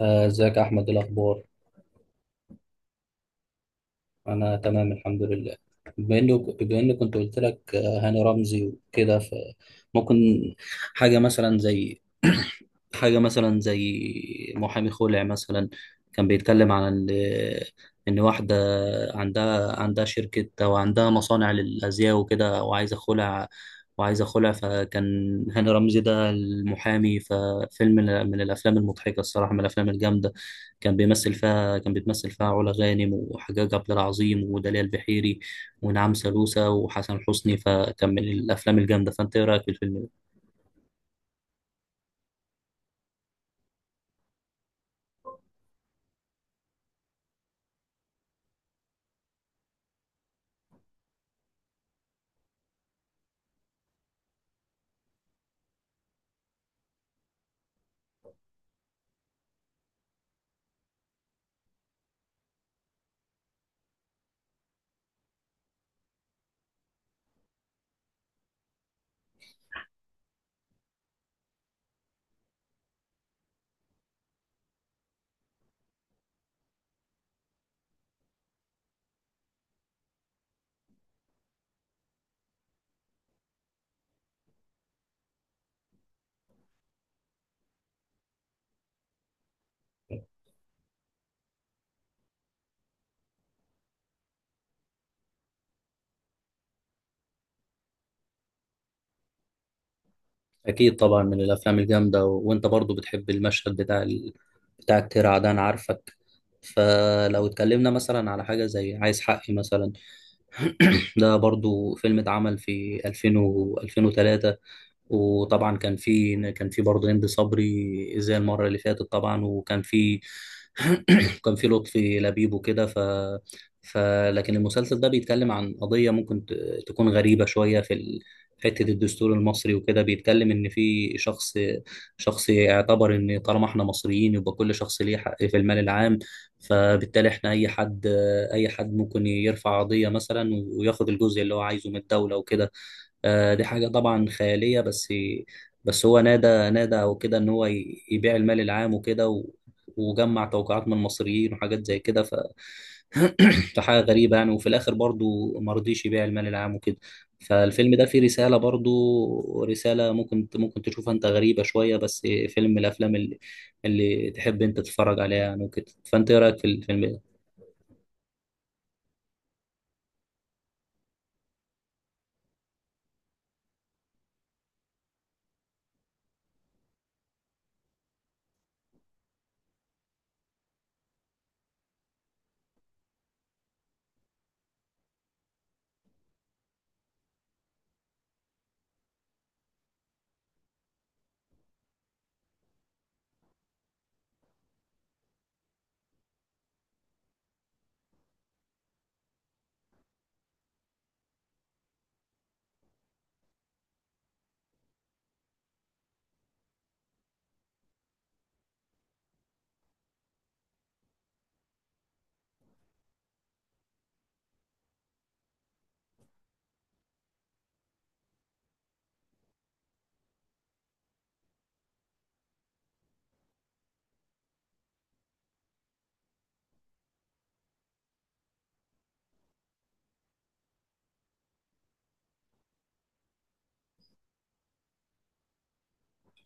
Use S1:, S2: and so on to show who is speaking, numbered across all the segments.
S1: ازيك يا احمد؟ إيه الاخبار؟ انا تمام الحمد لله. بما اني كنت قلت لك هاني رمزي وكده فممكن حاجه مثلا زي حاجه مثلا زي محامي خلع مثلا. كان بيتكلم عن ان واحده عندها شركه او عندها مصانع للازياء وكده وعايزه خلع. وعايزه خلع فكان هاني رمزي ده المحامي. ففيلم من الافلام المضحكه، الصراحه من الافلام الجامده. كان بيتمثل فيها علا غانم وحجاج عبد العظيم وداليا البحيري ونعم سالوسة وحسن حسني، فكان من الافلام الجامده. فانت ايه رايك في الفيلم ده؟ اكيد طبعا من الافلام الجامده وانت برضو بتحب المشهد بتاع بتاع الترعه ده، انا عارفك. فلو اتكلمنا مثلا على حاجه زي عايز حقي مثلا، ده برضو فيلم اتعمل في 2000 و 2003. وطبعا كان في برضه هند صبري زي المره اللي فاتت طبعا، وكان في كان في لطفي لبيب وكده ف ف لكن المسلسل ده بيتكلم عن قضيه ممكن تكون غريبه شويه في حته الدستور المصري وكده. بيتكلم ان في شخص، شخص يعتبر ان طالما احنا مصريين يبقى كل شخص ليه حق في المال العام. فبالتالي احنا اي حد ممكن يرفع قضيه مثلا وياخد الجزء اللي هو عايزه من الدوله وكده. دي حاجة طبعا خيالية. بس بس هو نادى وكده إن هو يبيع المال العام وكده وجمع توقيعات من المصريين وحاجات زي كده فحاجة غريبة يعني. وفي الآخر برضو ما رضيش يبيع المال العام وكده. فالفيلم ده فيه رسالة، برضو رسالة ممكن تشوفها أنت غريبة شوية. بس فيلم من الأفلام اللي تحب أنت تتفرج عليها يعني وكده. فأنت إيه رأيك في الفيلم؟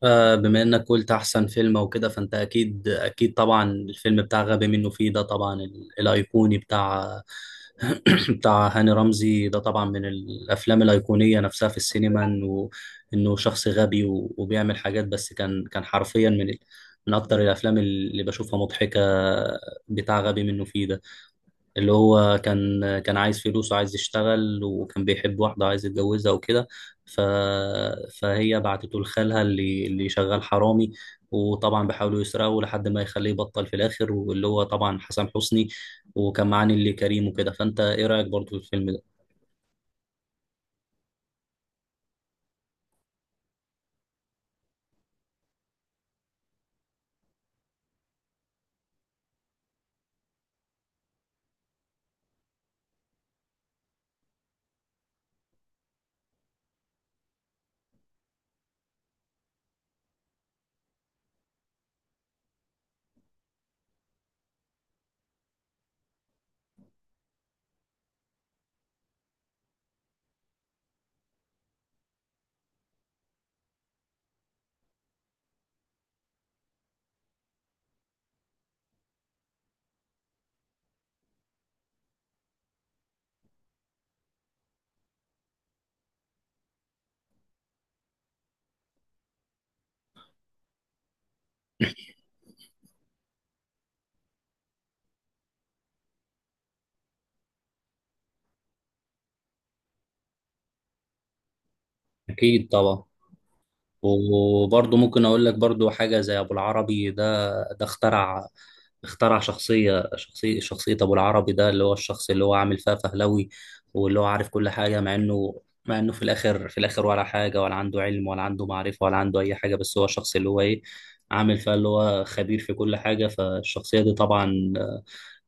S1: بما انك قلت احسن فيلم وكده فانت اكيد طبعا الفيلم بتاع غبي منه فيه ده طبعا الايقوني بتاع بتاع هاني رمزي ده، طبعا من الافلام الايقونيه نفسها في السينما. انه، انه شخص غبي وبيعمل حاجات. بس كان حرفيا من من اكتر الافلام اللي بشوفها مضحكه، بتاع غبي منه فيه ده، اللي هو كان عايز فلوس وعايز يشتغل وكان بيحب واحدة عايز يتجوزها وكده ف... فهي بعتته لخالها اللي شغال حرامي. وطبعا بيحاولوا يسرقوا لحد ما يخليه يبطل في الآخر، واللي هو طبعا حسن حسني. وكان معاه نيللي كريم وكده. فأنت إيه رأيك برضو في الفيلم ده؟ أكيد طبعا. وبرضه ممكن أقول لك برضه حاجة زي أبو العربي ده. ده اخترع، اخترع شخصية، شخصية أبو العربي ده، اللي هو الشخص اللي هو عامل فيها فهلوي واللي هو عارف كل حاجة. مع إنه، في الآخر، في الآخر ولا حاجة، ولا عنده علم ولا عنده معرفة ولا عنده أي حاجة. بس هو الشخص اللي هو إيه، عامل فيها اللي هو خبير في كل حاجة. فالشخصية دي طبعا،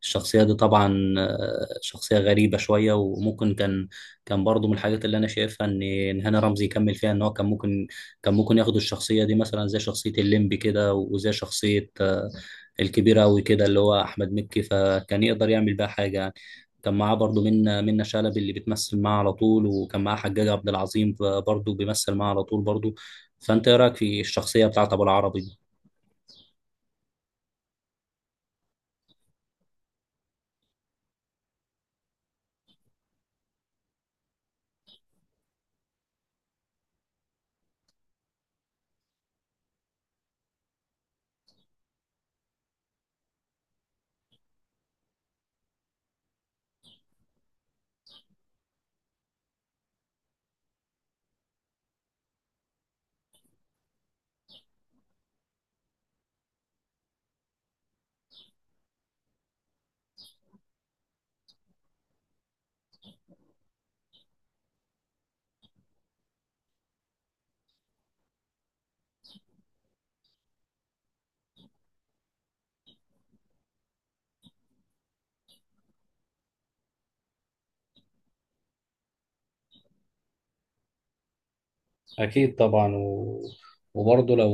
S1: شخصية غريبة شوية. وممكن كان، كان برضه من الحاجات اللي أنا شايفها إن هاني رمزي يكمل فيها. إن هو كان ممكن، كان ممكن ياخد الشخصية دي مثلا زي شخصية الليمبي كده وزي شخصية الكبير أوي كده اللي هو أحمد مكي، فكان يقدر يعمل بيها حاجة يعني. كان معاه برضه منة شلبي اللي بتمثل معاه على طول، وكان معاه حجاج عبد العظيم برضه بيمثل معاه على طول برضه. فأنت إيه رأيك في الشخصية بتاعت أبو العربي دي؟ اكيد طبعا وبرضه لو،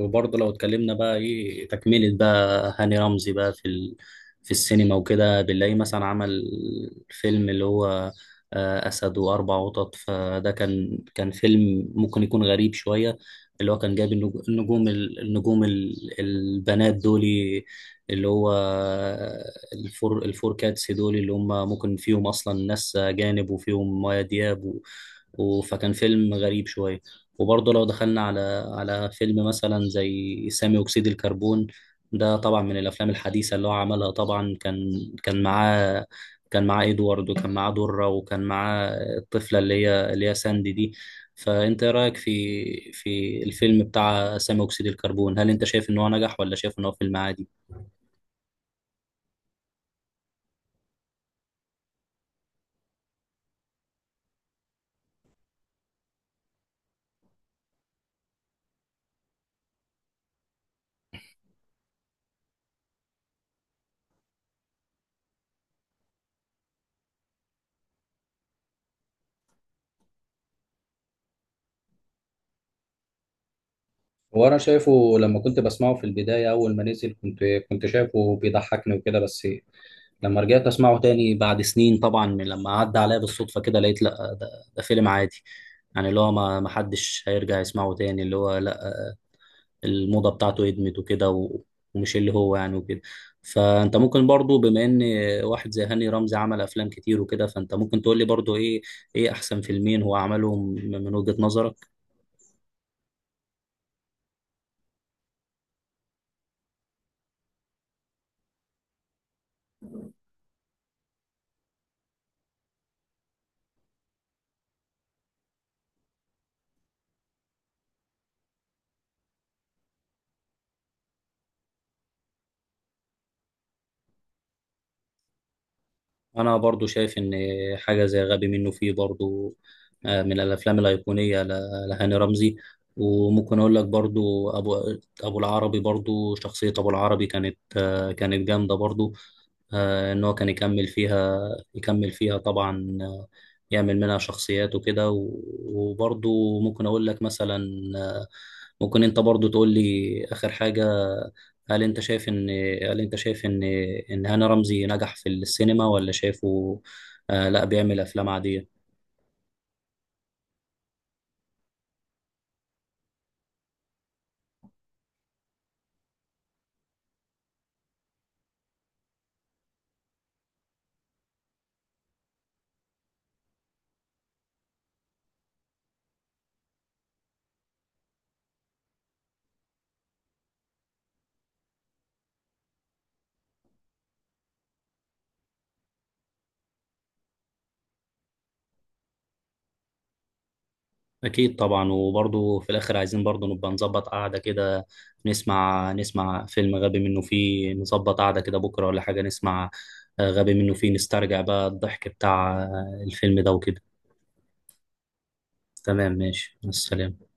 S1: وبرضه لو اتكلمنا بقى ايه تكمله بقى هاني رمزي بقى في في السينما وكده، بنلاقيه مثلا عمل فيلم اللي هو اسد واربع قطط. فده كان، كان فيلم ممكن يكون غريب شويه. اللي هو كان جايب النجوم النجوم البنات دولي اللي هو الفور كاتس دول، اللي هم ممكن فيهم اصلا ناس اجانب وفيهم مايا دياب فكان فيلم غريب شويه. وبرضه لو دخلنا على، على فيلم مثلا زي سامي أكسيد الكربون، ده طبعا من الأفلام الحديثة اللي هو عملها. طبعا كان، كان معاه كان معاه إدوارد، وكان معاه درة، وكان معاه الطفلة اللي هي ساندي دي. فأنت إيه رأيك في في الفيلم بتاع سامي أكسيد الكربون؟ هل أنت شايف إن هو نجح ولا شايف إن هو فيلم عادي؟ وانا شايفه لما كنت بسمعه في البدايه اول ما نزل، كنت شايفه بيضحكني وكده. بس لما رجعت اسمعه تاني بعد سنين طبعا من لما عدى عليا بالصدفه كده، لقيت لا ده فيلم عادي. يعني اللي هو ما حدش هيرجع يسمعه تاني، اللي هو لا، الموضه بتاعته ادمت وكده ومش اللي هو يعني وكده. فانت ممكن برضو بما ان واحد زي هاني رمزي عمل افلام كتير وكده، فانت ممكن تقول لي برضو ايه، ايه احسن فيلمين هو عملهم من وجهة نظرك؟ انا برضو شايف ان حاجه زي غبي منه فيه برضو من الافلام الايقونيه لهاني رمزي. وممكن اقول لك برضو ابو، ابو العربي برضو. شخصيه ابو العربي كانت كانت جامده برضو. ان هو كان يكمل فيها، يكمل فيها طبعا. يعمل منها شخصيات وكده وبرضو ممكن اقول لك مثلا آه، ممكن انت برضو تقول لي اخر حاجة. هل انت شايف ان هل انت شايف ان ان هاني رمزي نجح في السينما، ولا شايفه لا بيعمل افلام عادية؟ أكيد طبعا. وبرضه في الآخر عايزين برضه نبقى نظبط قعدة كده. نسمع فيلم غبي منه فيه، نظبط قعدة كده بكرة ولا حاجة. نسمع غبي منه فيه، نسترجع بقى الضحك بتاع الفيلم ده وكده. تمام ماشي، مع السلامة.